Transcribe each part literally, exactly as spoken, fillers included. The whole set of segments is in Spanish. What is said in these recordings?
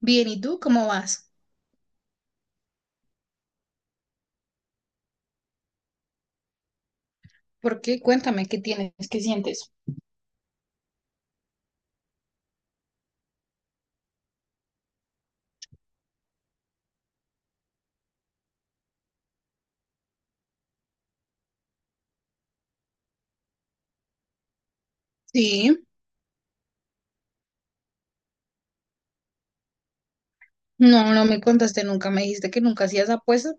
Bien, ¿y tú cómo vas? ¿Por qué? Cuéntame, ¿qué tienes? ¿Qué sientes? Sí, no, no me contaste nunca. Me dijiste que nunca hacías apuestas,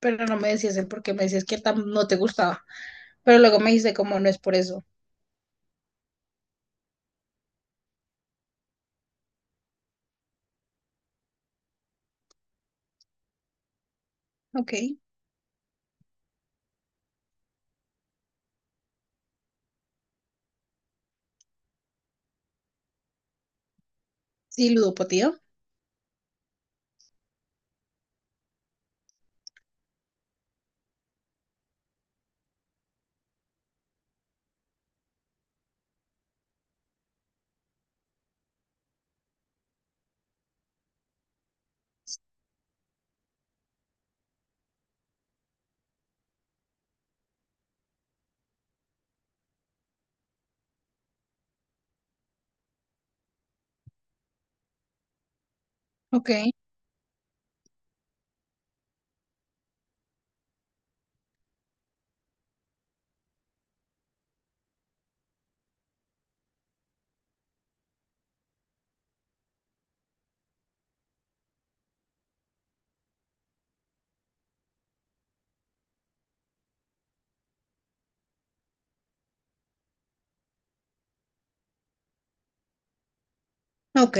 pero no me decías el por qué. Me decías que tam- no te gustaba. Pero luego me dijiste como no es por eso. Ok, sí, ludopatía. Ok, ok.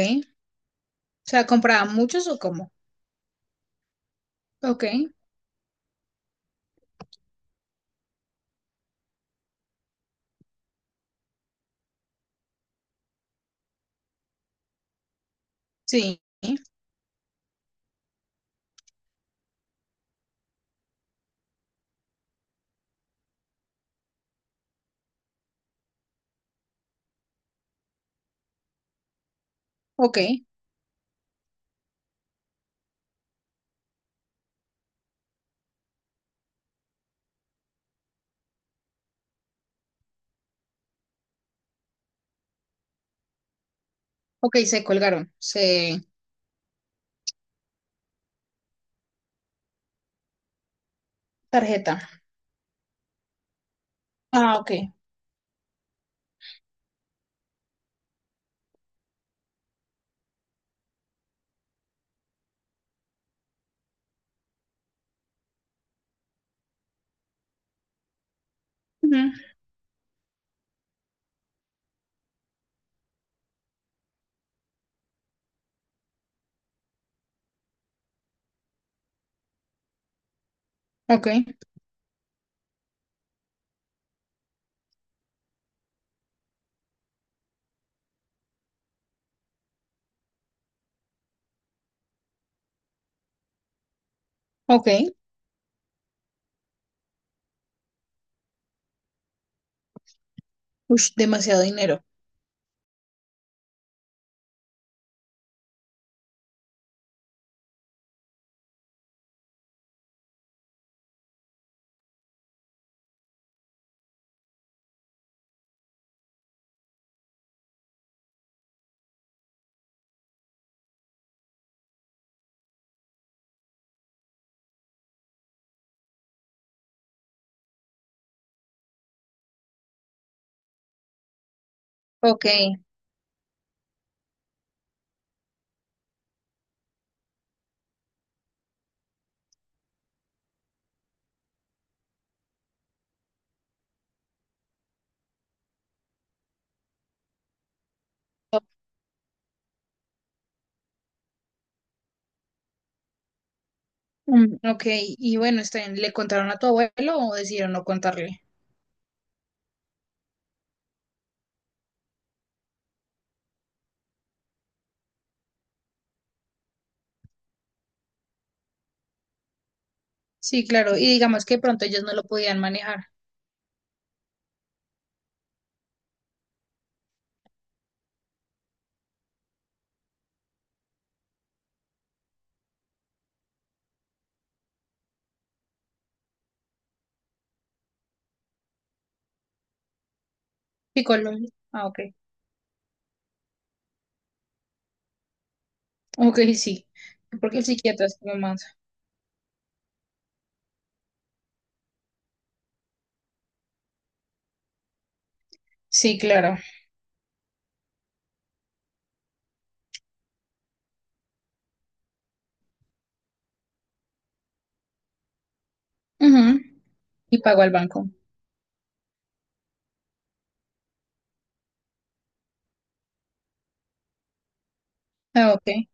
O sea, ¿compraban muchos o cómo? Ok, sí, ok, ok, se colgaron. Se... Tarjeta. Ah, ok. Ujú, ok, ok. Ush, demasiado dinero. Ok, mm, ok, y bueno, está bien, ¿le contaron a tu abuelo o decidieron no contarle? Sí, claro, y digamos que pronto ellos no lo podían manejar. Sí, Colombia. Ah, ok. Ok, sí, porque el psiquiatra es como más. Sí, claro. Ujú, y pagó al banco. Ah, ok.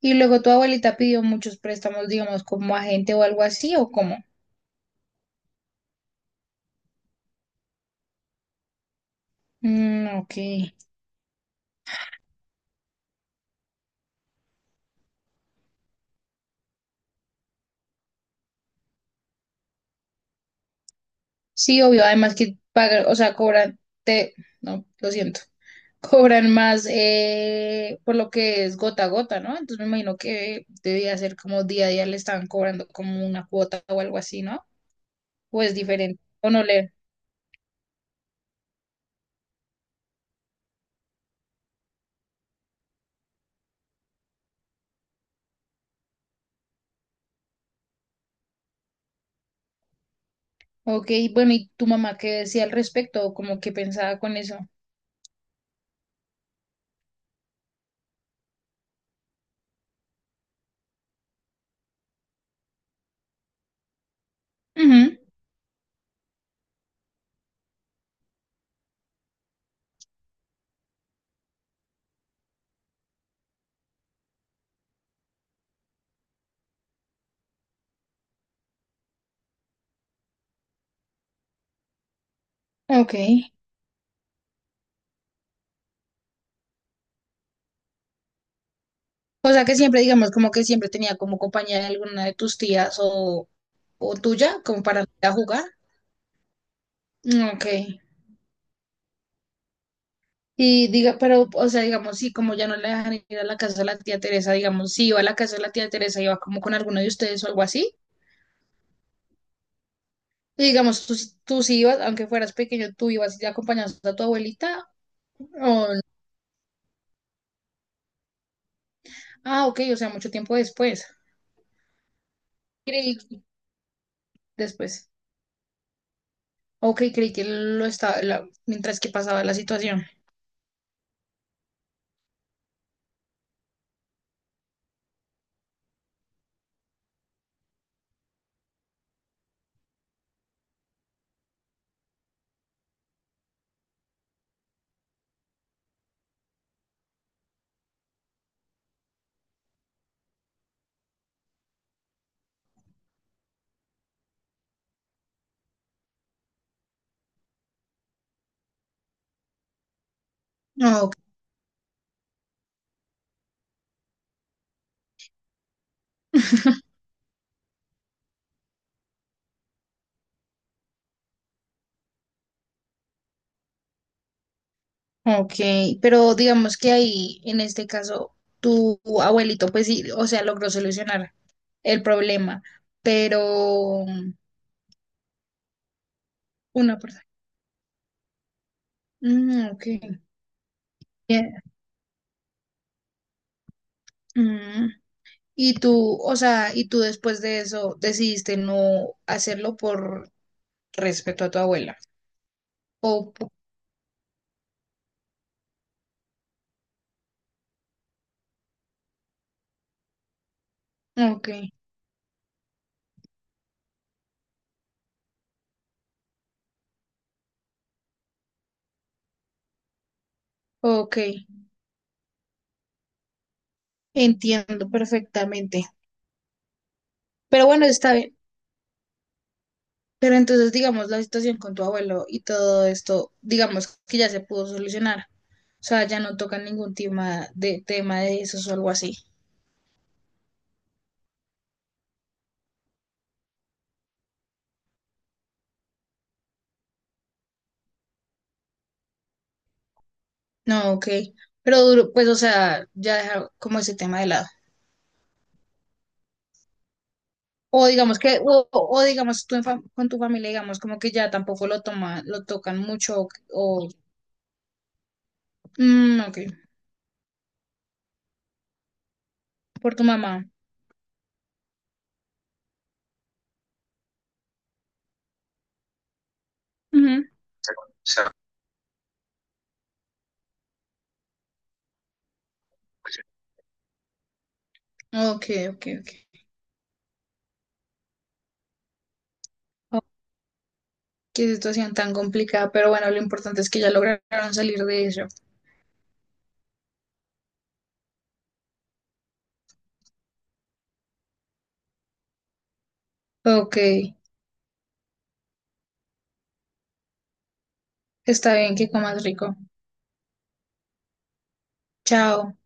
Y luego tu abuelita pidió muchos préstamos, digamos, como agente o algo así, ¿o cómo? Mm, ok. Sí, obvio, además que pagar, o sea, cobran, te, no, lo siento. Cobran más eh, por lo que es gota a gota, ¿no? Entonces me imagino que debía ser como día a día le estaban cobrando como una cuota o algo así, ¿no? O es diferente, o no leer. Ok, bueno, ¿y tu mamá qué decía al respecto o como que pensaba con eso? Ujú, ok. O sea que siempre, digamos, como que siempre tenía como compañía de alguna de tus tías o, o tuya, como para ir a jugar. Mm, ok. Y diga, pero, o sea, digamos, sí, como ya no le dejan ir a la casa de la tía Teresa, digamos, si iba a la casa de la tía Teresa, iba como con alguno de ustedes o algo así. Y digamos, tú, sí- tú sí ibas, aunque fueras pequeño, tú ibas y acompañabas a tu abuelita. O... Ah, ok, o sea, mucho tiempo después. Creí que- después. Ok, creí que lo estaba, la- mientras que pasaba la situación. Ah, ok, ok, pero digamos que ahí, en este caso, tu abuelito, pues sí, o sea, logró solucionar el problema, pero... Una persona. Mm, ok. Bien. Mm. Y tú, o sea, y tú después de eso decidiste no hacerlo por respeto a tu abuela. O, po- ok, ok, entiendo perfectamente. Pero bueno, está bien. Pero entonces, digamos, la situación con tu abuelo y todo esto, digamos que ya se pudo solucionar. O sea, ya no tocan ningún tema de tema de esos o algo así. No, ok. Pero duro, pues, o sea, ya dejar como ese tema de lado. O digamos que, o, o digamos tú en fam- con tu familia, digamos como que ya tampoco lo toma, lo tocan mucho, o, o- Mm, ok, por tu mamá. Ujú. Ok, ok, ok. Oh, qué situación tan complicada, pero bueno, lo importante es que ya lograron salir de eso. Ok, está bien, que comas rico. Chao.